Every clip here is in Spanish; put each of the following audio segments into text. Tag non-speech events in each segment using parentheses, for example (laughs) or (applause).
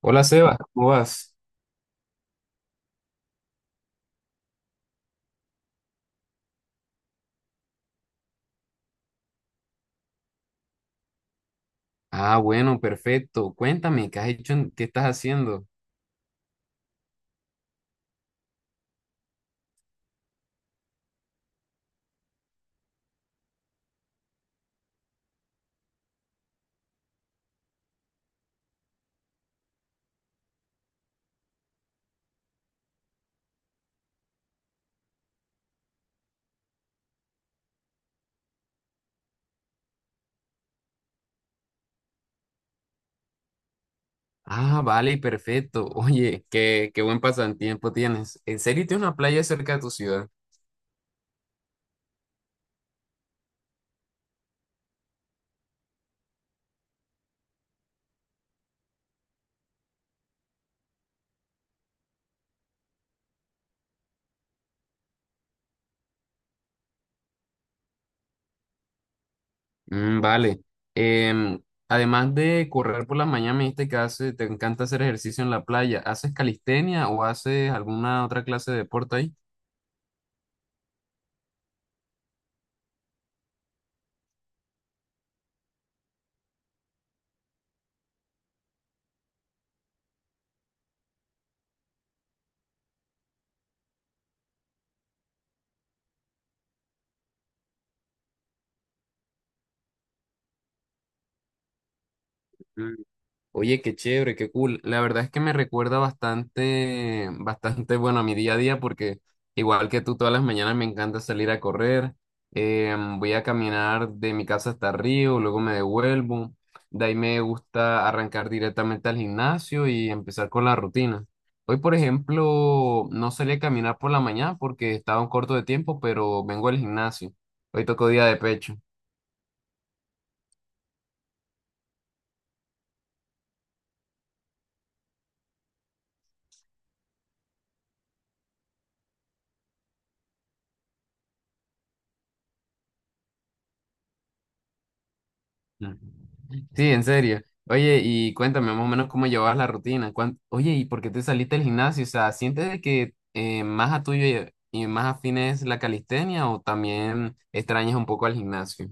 Hola Seba, ¿cómo vas? Ah, bueno, perfecto. Cuéntame, ¿qué has hecho? ¿Qué estás haciendo? Ah, vale, perfecto. (laughs) Oye, qué buen pasatiempo tienes. ¿En serio tienes una playa cerca de tu ciudad? Mm, vale. Em, Además de correr por la mañana, me dijiste que te encanta hacer ejercicio en la playa. ¿Haces calistenia o haces alguna otra clase de deporte ahí? Oye, qué chévere, qué cool. La verdad es que me recuerda bastante, bastante, bueno, a mi día a día porque igual que tú todas las mañanas me encanta salir a correr. Voy a caminar de mi casa hasta Río, luego me devuelvo. De ahí me gusta arrancar directamente al gimnasio y empezar con la rutina. Hoy, por ejemplo, no salí a caminar por la mañana porque estaba un corto de tiempo, pero vengo al gimnasio. Hoy tocó día de pecho. Mm. Sí, en serio. Oye, y cuéntame más o menos cómo llevabas la rutina. Oye, ¿y por qué te saliste del gimnasio? O sea, ¿sientes de que más a tuyo y más afín es la calistenia o también extrañas un poco al gimnasio?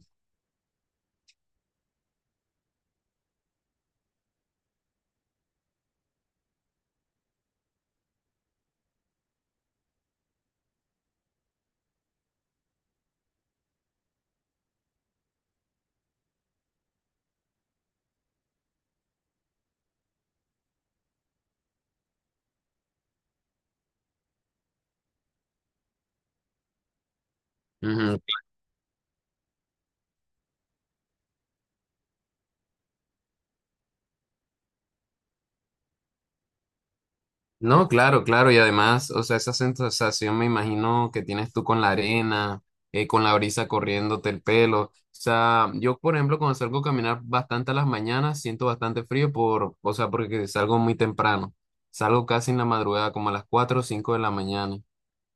No, claro, claro, y además, o sea, esa sensación me imagino que tienes tú con la arena, con la brisa corriéndote el pelo. O sea, yo, por ejemplo, cuando salgo a caminar bastante a las mañanas, siento bastante frío por, o sea, porque salgo muy temprano. Salgo casi en la madrugada, como a las 4 o 5 de la mañana.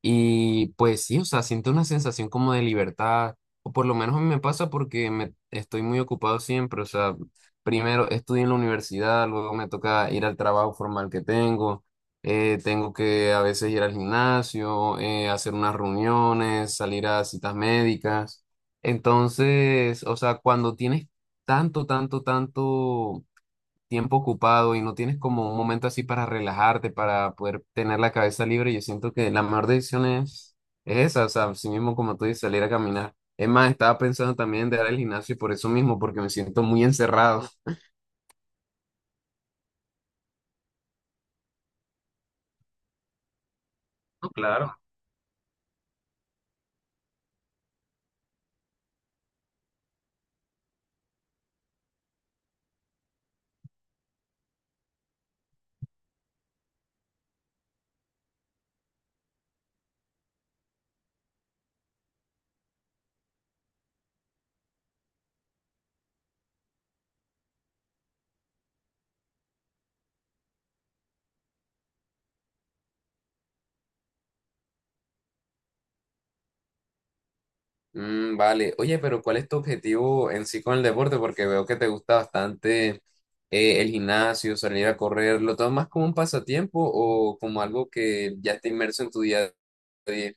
Y pues sí, o sea, siento una sensación como de libertad, o por lo menos a mí me pasa porque me estoy muy ocupado siempre, o sea, primero estudio en la universidad, luego me toca ir al trabajo formal que tengo, tengo que a veces ir al gimnasio, hacer unas reuniones, salir a citas médicas. Entonces, o sea, cuando tienes tanto, tanto, tanto tiempo ocupado y no tienes como un momento así para relajarte, para poder tener la cabeza libre, yo siento que la mejor decisión es esa, o sea, así mismo como tú dices, salir a caminar. Es más, estaba pensando también en dejar el gimnasio por eso mismo, porque me siento muy encerrado. No, claro. Mm, vale. Oye, pero ¿cuál es tu objetivo en sí con el deporte? Porque veo que te gusta bastante el gimnasio, salir a correr. ¿Lo tomas como un pasatiempo o como algo que ya está inmerso en tu día a día?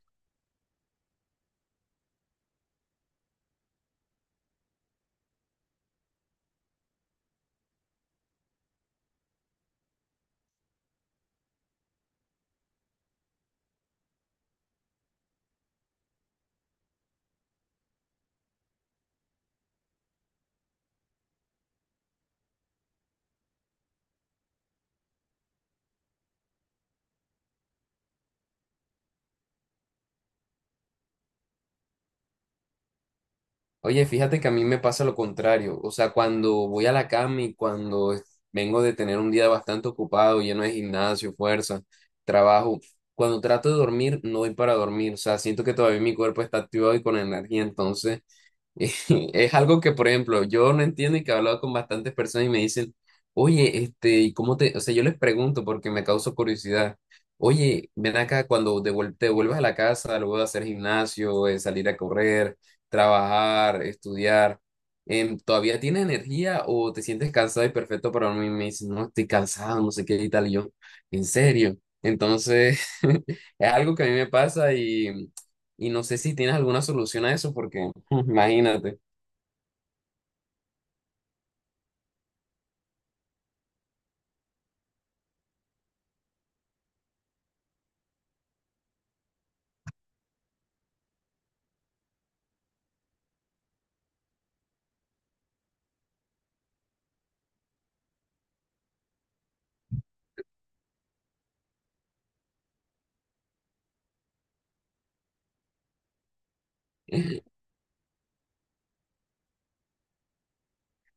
Oye, fíjate que a mí me pasa lo contrario. O sea, cuando voy a la cama y cuando vengo de tener un día bastante ocupado, lleno de gimnasio, fuerza, trabajo, cuando trato de dormir, no voy para dormir. O sea, siento que todavía mi cuerpo está activado y con energía. Entonces, (laughs) es algo que, por ejemplo, yo no entiendo y que he hablado con bastantes personas y me dicen, oye, este, ¿y cómo te...? O sea, yo les pregunto porque me causa curiosidad. Oye, ven acá cuando te vuelvas a la casa, luego de hacer gimnasio, salir a correr, trabajar, estudiar, ¿todavía tienes energía o te sientes cansado y perfecto para mí? Me dicen, no, estoy cansado, no sé qué y tal. Y yo, ¿en serio? Entonces, (laughs) es algo que a mí me pasa y no sé si tienes alguna solución a eso, porque (laughs) imagínate,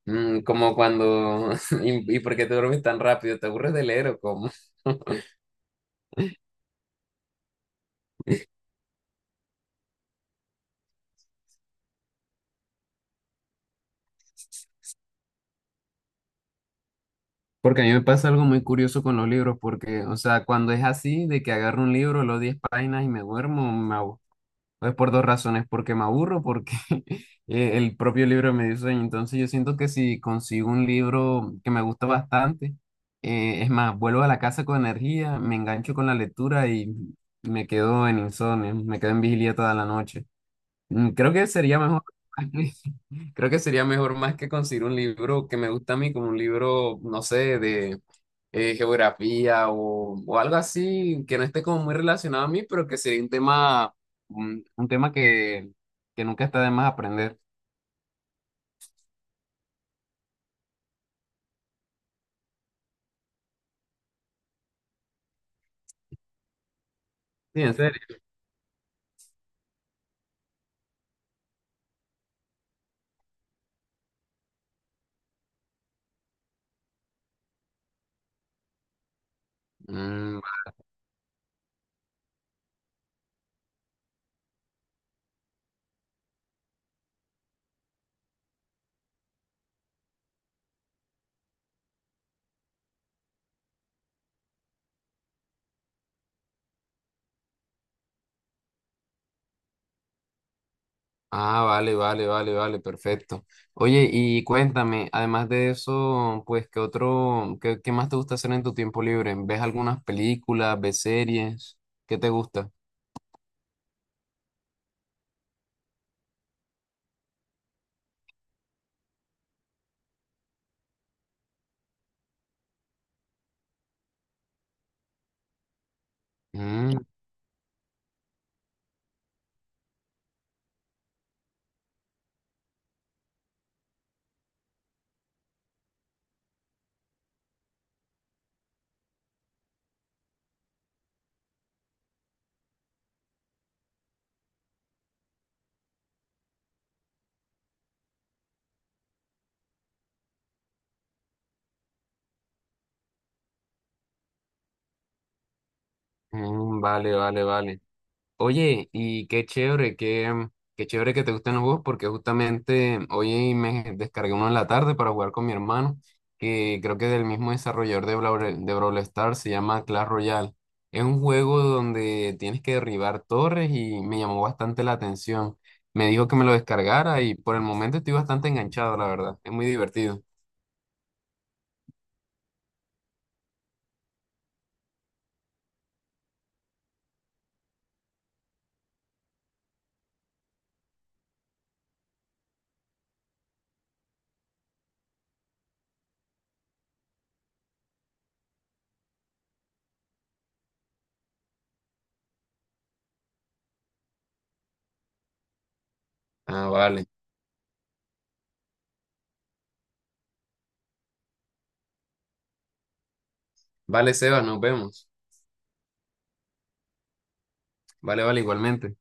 mm, como cuando, (laughs) y por qué te duermes tan rápido? ¿Te aburres de leer o cómo? Porque a mí me pasa algo muy curioso con los libros, porque, o sea, cuando es así, de que agarro un libro, los 10 páginas y me duermo, es por dos razones, porque me aburro, porque (laughs) el propio libro me dio sueño. Entonces yo siento que si consigo un libro que me gusta bastante, es más, vuelvo a la casa con energía, me engancho con la lectura y me quedo en insomnio, me quedo en vigilia toda la noche. Mm, creo que sería mejor, (laughs) creo que sería mejor más que conseguir un libro que me gusta a mí, como un libro, no sé, de geografía o algo así que no esté como muy relacionado a mí, pero que sería un tema que nunca está de más aprender. Sí, en serio. Mm, ah, vale, vale, vale, vale, perfecto. Oye, y cuéntame, además de eso, pues, ¿qué otro, qué, qué más te gusta hacer en tu tiempo libre? ¿Ves algunas películas, ves series? ¿Qué te gusta? Mm, mm, vale, vale, vale. Oye, y qué chévere, qué, mm, qué chévere que te gusten los juegos, porque justamente hoy me descargué uno en la tarde para jugar con mi hermano, que creo que es del mismo desarrollador de Brawl Stars, se llama Clash Royale. Es un juego donde tienes que derribar torres y me llamó bastante la atención. Me dijo que me lo descargara y por el momento estoy bastante enganchado, la verdad. Es muy divertido. Ah, vale. Vale, Seba, nos vemos. Vale, vale, igualmente.